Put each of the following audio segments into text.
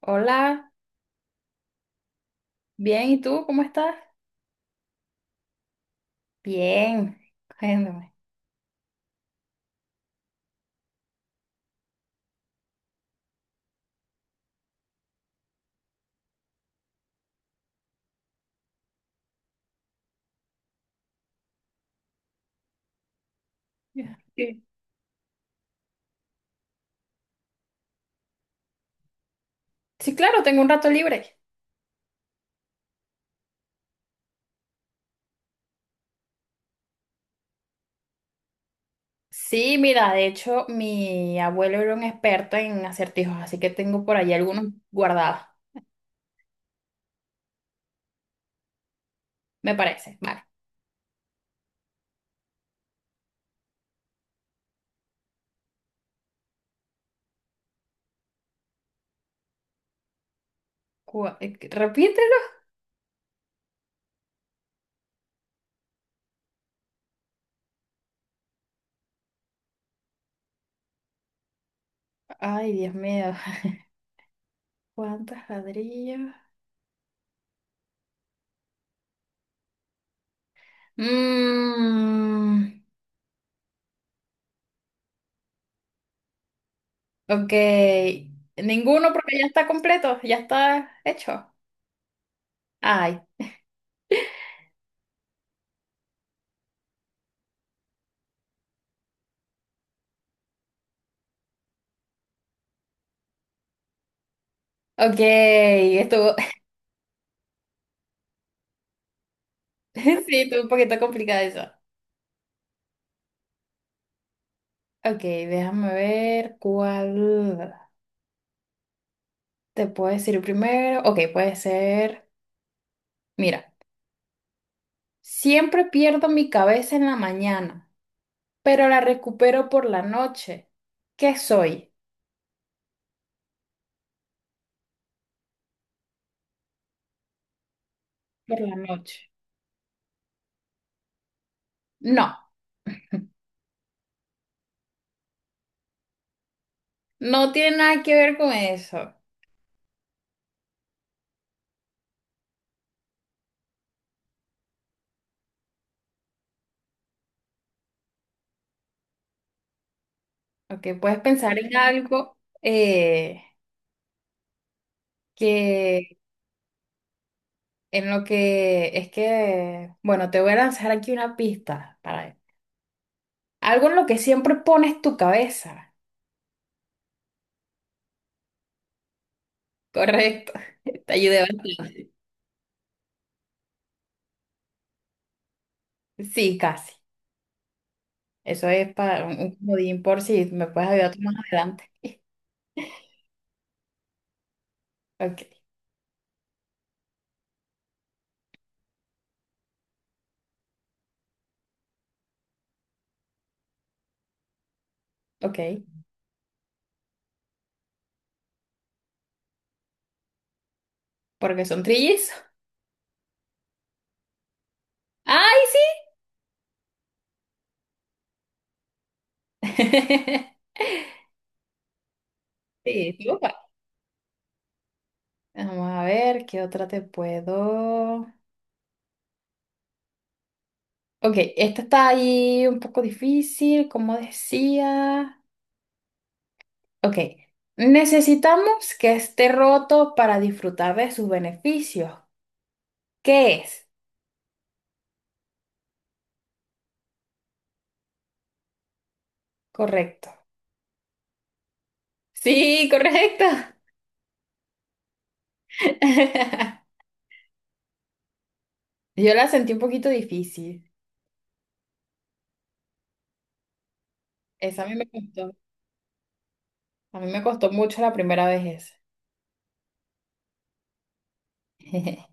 Hola, bien, ¿y tú cómo estás? Bien, cuéntame. Sí, sí, claro, tengo un rato libre. Sí, mira, de hecho, mi abuelo era un experto en acertijos, así que tengo por ahí algunos guardados. Me parece. Vale. Repítelo. Ay, Dios mío. ¿Cuántos ladrillos? Mmm, ok. Ninguno porque ya está completo, ya está hecho. Ay, ok. Estuvo, sí, estuvo un poquito complicado eso. Ok, déjame ver cuál te puedo decir primero. Ok, puede ser, mira, siempre pierdo mi cabeza en la mañana, pero la recupero por la noche. ¿Qué soy? Por la noche. No, no tiene nada que ver con eso. Ok, puedes pensar en algo que en lo que es que, bueno, te voy a lanzar aquí una pista para algo en lo que siempre pones tu cabeza. Correcto, te ayudé bastante. Sí, casi. Eso es para un comodín por si me puedes ayudar tú más adelante. Ok, ok. Porque son trillizos. ¡Ay, sí! Sí, sí, papá. Vamos a ver qué otra te puedo. Ok, esta está ahí un poco difícil, como decía. Ok, necesitamos que esté roto para disfrutar de sus beneficios. ¿Qué es? Correcto. Sí, correcto. Yo la sentí un poquito difícil. Esa a mí me costó. A mí me costó mucho la primera vez esa.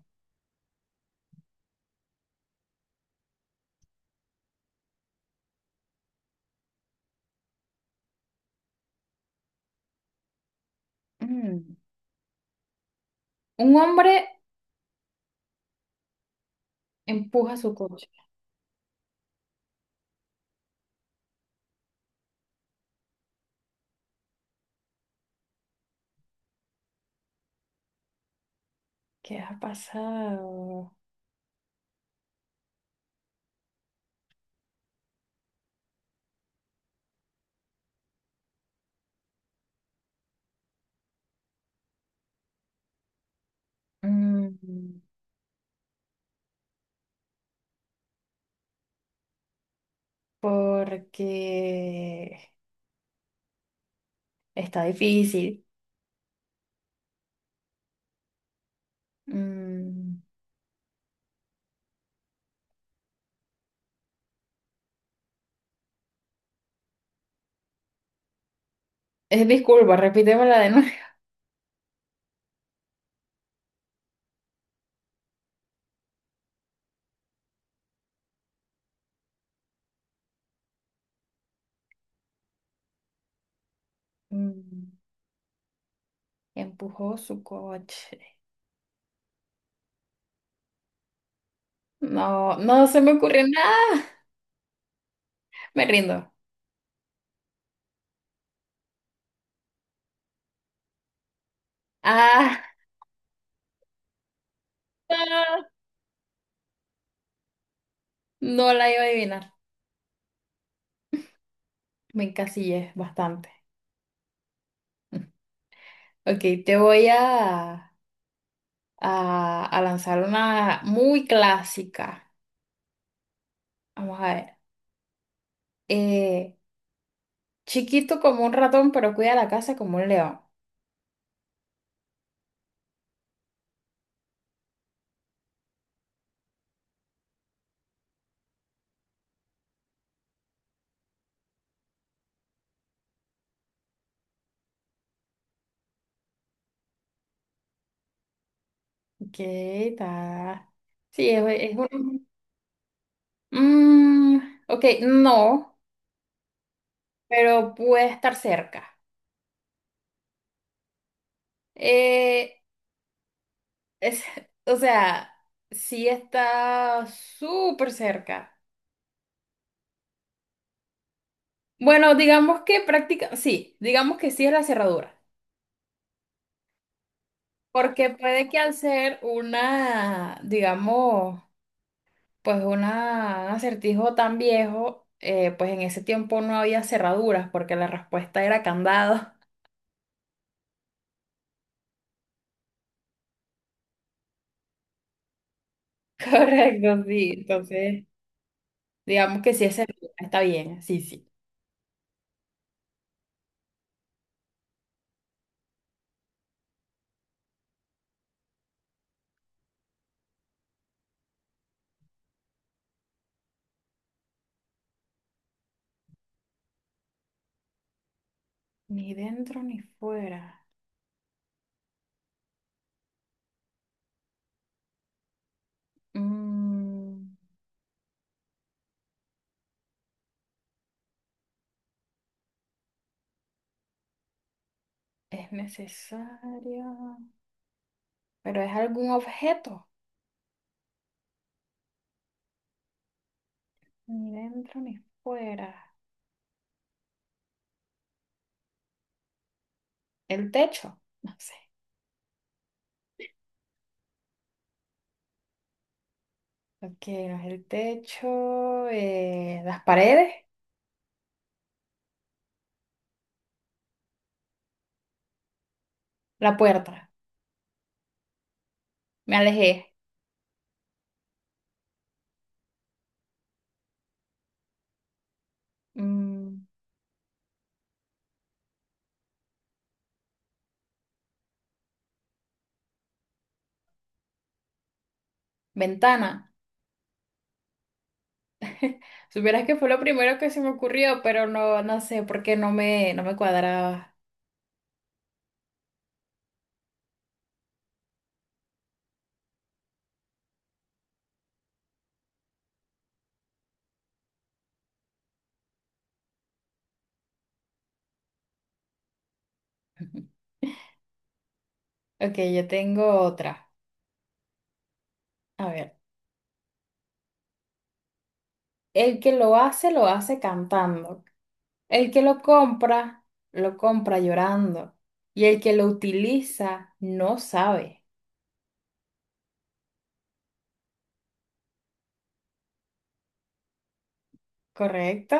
Mm. Un hombre empuja su coche. ¿Qué ha pasado? Mm, porque está difícil. Mm, es disculpa, repítemela de nuevo. Mm, empujó su coche. No, no se me ocurre nada. Me rindo. Ah, no, no la iba a adivinar. Me encasillé bastante. Ok, te voy a, a lanzar una muy clásica. Vamos a ver. Eh, chiquito como un ratón, pero cuida la casa como un león. Ok, está. Sí, es un... Mm, ok, no, pero puede estar cerca. Eh, es, o sea, sí está súper cerca. Bueno, digamos que práctica... Sí, digamos que sí es la cerradura. Porque puede que al ser una, digamos, pues un acertijo tan viejo, pues en ese tiempo no había cerraduras porque la respuesta era candado. Correcto, sí. Entonces, digamos que sí es cerradura, está bien, sí, sí. Ni dentro ni fuera. Mm, es necesario. Pero es algún objeto. Ni dentro ni fuera. El techo, no sé. Ok, no es el techo, las paredes, la puerta. Me alejé. Mm, ventana. Supieras que fue lo primero que se me ocurrió, pero no, no sé por qué no me, no me cuadraba. Ok, yo tengo otra. A ver, el que lo hace cantando. El que lo compra llorando. Y el que lo utiliza, no sabe. ¿Correcto?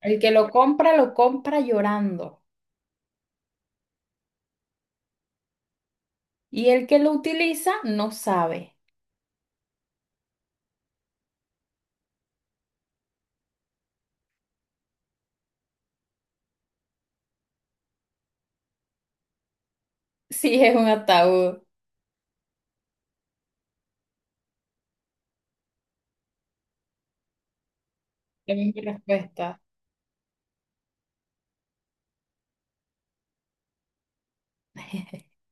El que lo compra llorando. Y el que lo utiliza no sabe. Si es un ataúd. Esa es mi respuesta.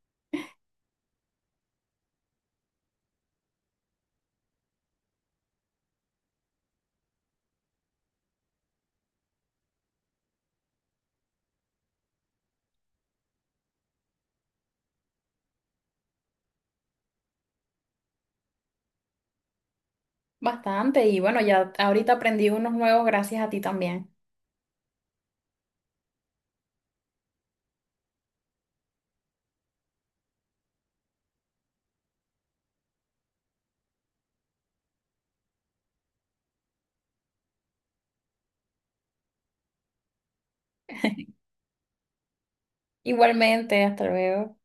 Bastante. Y bueno, ya ahorita aprendí unos nuevos gracias a ti también. Igualmente, hasta luego.